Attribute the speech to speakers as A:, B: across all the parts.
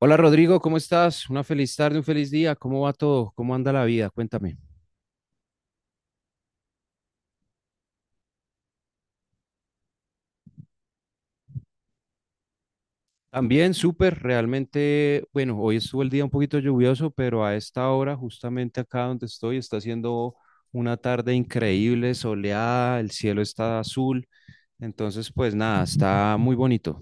A: Hola Rodrigo, ¿cómo estás? Una feliz tarde, un feliz día. ¿Cómo va todo? ¿Cómo anda la vida? Cuéntame. También súper, realmente, bueno, hoy estuvo el día un poquito lluvioso, pero a esta hora, justamente acá donde estoy, está haciendo una tarde increíble, soleada, el cielo está azul, entonces pues nada, está muy bonito.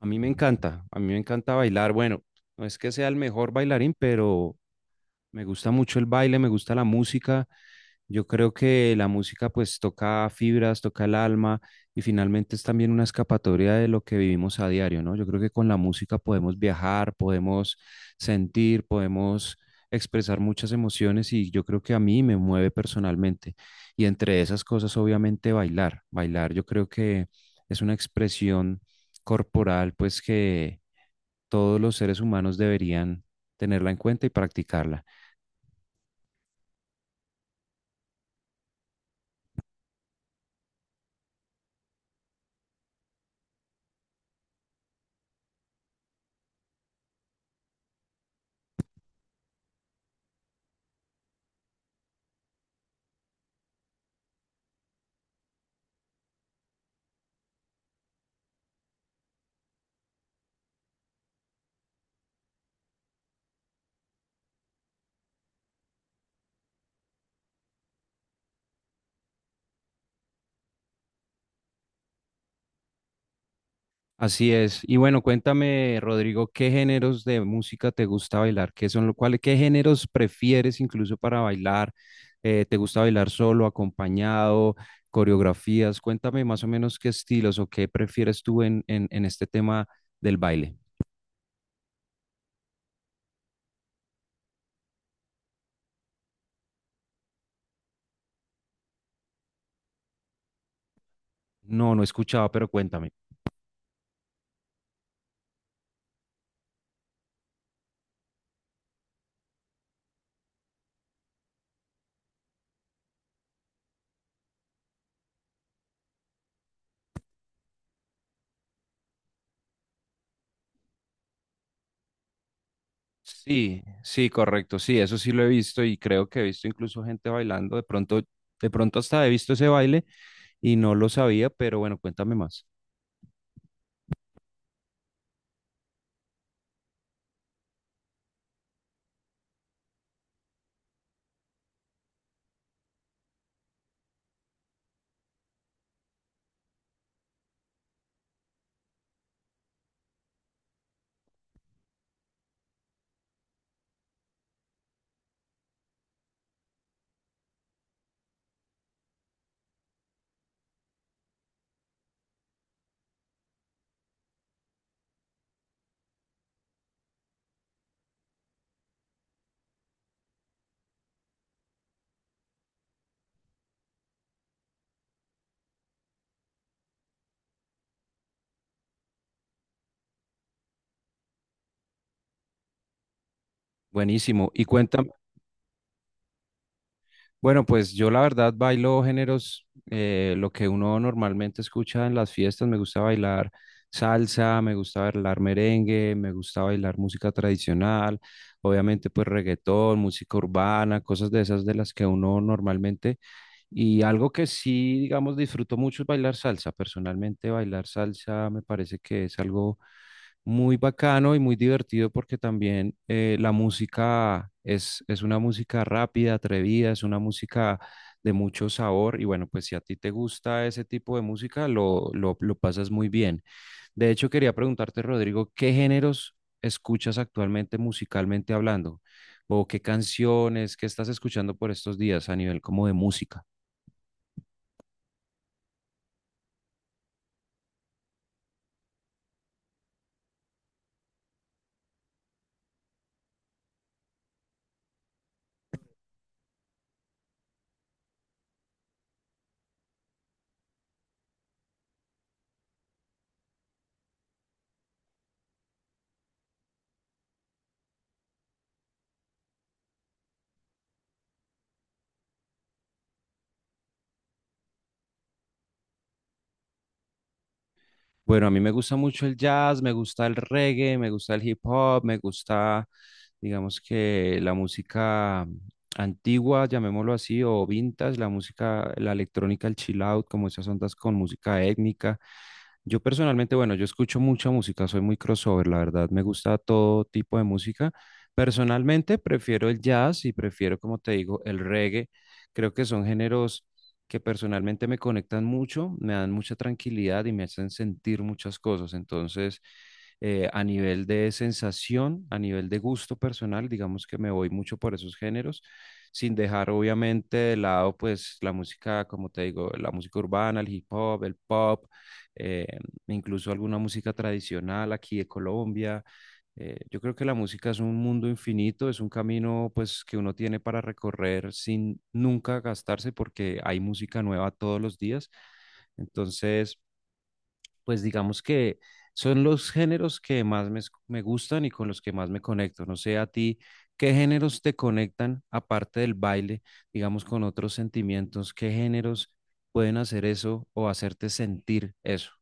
A: A mí me encanta, a mí me encanta bailar. Bueno, no es que sea el mejor bailarín, pero me gusta mucho el baile, me gusta la música. Yo creo que la música pues toca fibras, toca el alma y finalmente es también una escapatoria de lo que vivimos a diario, ¿no? Yo creo que con la música podemos viajar, podemos sentir, podemos expresar muchas emociones y yo creo que a mí me mueve personalmente. Y entre esas cosas obviamente bailar, bailar yo creo que es una expresión corporal pues que todos los seres humanos deberían tenerla en cuenta y practicarla. Así es. Y bueno, cuéntame, Rodrigo, ¿qué géneros de música te gusta bailar? ¿Qué son lo cual, qué géneros prefieres incluso para bailar? ¿Te gusta bailar solo, acompañado, coreografías? Cuéntame más o menos qué estilos o qué prefieres tú en este tema del baile. No, no escuchaba, pero cuéntame. Sí, sí, correcto, sí, eso sí lo he visto y creo que he visto incluso gente bailando, de pronto hasta he visto ese baile y no lo sabía, pero bueno, cuéntame más. Buenísimo, y cuéntame, bueno, pues yo la verdad bailo géneros, lo que uno normalmente escucha en las fiestas. Me gusta bailar salsa, me gusta bailar merengue, me gusta bailar música tradicional, obviamente pues reggaetón, música urbana, cosas de esas de las que uno normalmente. Y algo que sí, digamos, disfruto mucho es bailar salsa. Personalmente bailar salsa me parece que es algo muy bacano y muy divertido porque también la música es una música rápida, atrevida, es una música de mucho sabor y bueno, pues si a ti te gusta ese tipo de música, lo pasas muy bien. De hecho, quería preguntarte, Rodrigo, ¿qué géneros escuchas actualmente musicalmente hablando? ¿O qué canciones, qué estás escuchando por estos días a nivel como de música? Bueno, a mí me gusta mucho el jazz, me gusta el reggae, me gusta el hip hop, me gusta, digamos que la música antigua, llamémoslo así, o vintage, la música, la electrónica, el chill out, como esas ondas con música étnica. Yo personalmente, bueno, yo escucho mucha música, soy muy crossover, la verdad, me gusta todo tipo de música. Personalmente prefiero el jazz y prefiero, como te digo, el reggae. Creo que son géneros que personalmente me conectan mucho, me dan mucha tranquilidad y me hacen sentir muchas cosas. Entonces, a nivel de sensación, a nivel de gusto personal, digamos que me voy mucho por esos géneros, sin dejar obviamente de lado pues la música, como te digo, la música urbana, el hip hop, el pop, eh, incluso alguna música tradicional aquí de Colombia. Eh, yo creo que la música es un mundo infinito, es un camino pues que uno tiene para recorrer sin nunca gastarse porque hay música nueva todos los días. Entonces, pues digamos que son los géneros que más me gustan y con los que más me conecto. No sé a ti, ¿qué géneros te conectan aparte del baile, digamos con otros sentimientos? ¿Qué géneros pueden hacer eso o hacerte sentir eso?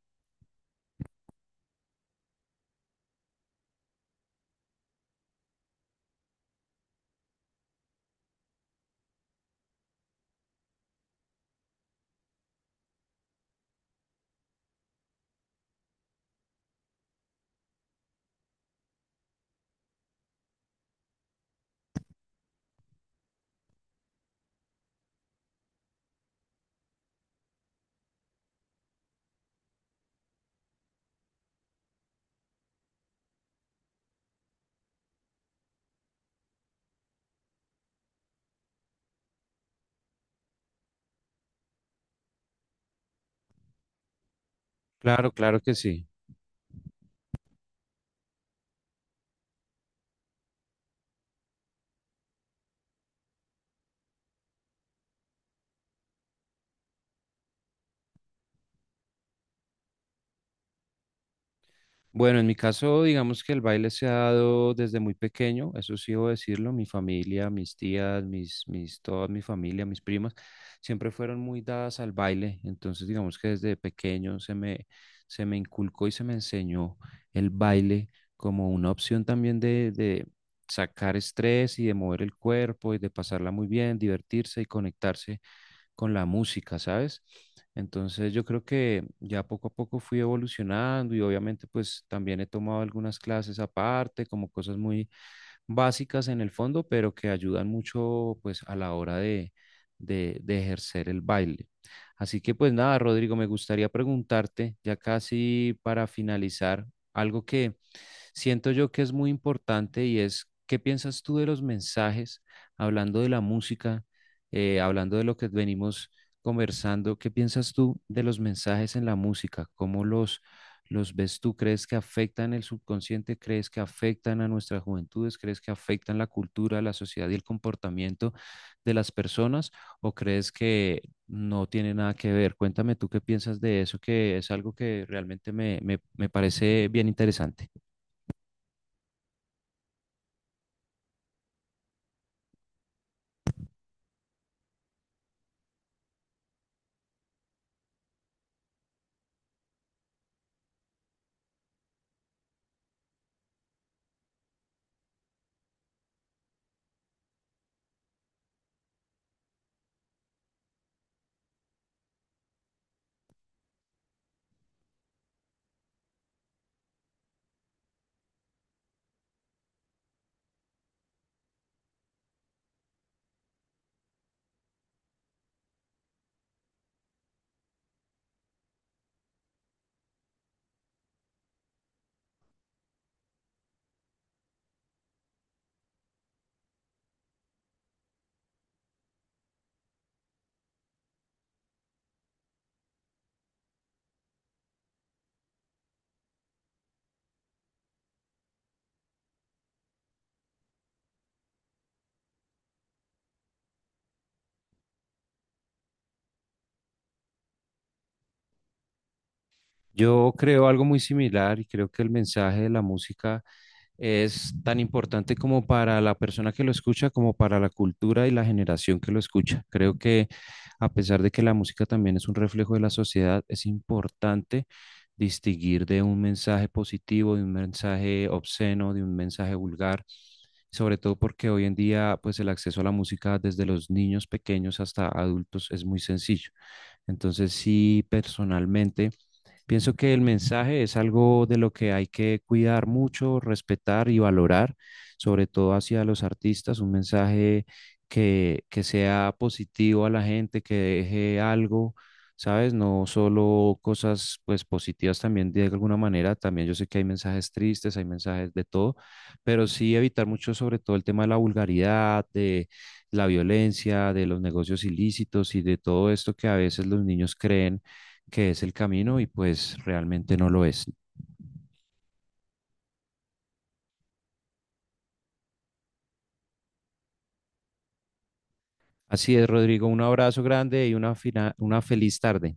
A: Claro, claro que sí. Bueno, en mi caso, digamos que el baile se ha dado desde muy pequeño, eso sí debo decirlo, mi familia, mis tías, toda mi familia, mis primas, siempre fueron muy dadas al baile, entonces digamos que desde pequeño se me inculcó y se me enseñó el baile como una opción también de sacar estrés y de mover el cuerpo y de pasarla muy bien, divertirse y conectarse con la música, ¿sabes? Entonces yo creo que ya poco a poco fui evolucionando y obviamente pues también he tomado algunas clases aparte, como cosas muy básicas en el fondo, pero que ayudan mucho pues a la hora de ejercer el baile. Así que pues nada, Rodrigo, me gustaría preguntarte, ya casi para finalizar, algo que siento yo que es muy importante y es, ¿qué piensas tú de los mensajes, hablando de la música, hablando de lo que venimos conversando, ¿qué piensas tú de los mensajes en la música? ¿Cómo los ves tú? ¿Crees que afectan el subconsciente? ¿Crees que afectan a nuestras juventudes? ¿Crees que afectan la cultura, la sociedad y el comportamiento de las personas? ¿O crees que no tiene nada que ver? Cuéntame tú qué piensas de eso, que es algo que realmente me parece bien interesante. Yo creo algo muy similar y creo que el mensaje de la música es tan importante como para la persona que lo escucha, como para la cultura y la generación que lo escucha. Creo que a pesar de que la música también es un reflejo de la sociedad, es importante distinguir de un mensaje positivo, de un mensaje obsceno, de un mensaje vulgar, sobre todo porque hoy en día pues el acceso a la música desde los niños pequeños hasta adultos es muy sencillo. Entonces, sí, personalmente pienso que el mensaje es algo de lo que hay que cuidar mucho, respetar y valorar, sobre todo hacia los artistas, un mensaje que sea positivo a la gente, que deje algo, ¿sabes? No solo cosas pues positivas también de alguna manera, también yo sé que hay mensajes tristes, hay mensajes de todo, pero sí evitar mucho sobre todo el tema de la vulgaridad, de la violencia, de los negocios ilícitos y de todo esto que a veces los niños creen que es el camino y pues realmente no lo es. Así es, Rodrigo, un abrazo grande y una, fina- una feliz tarde.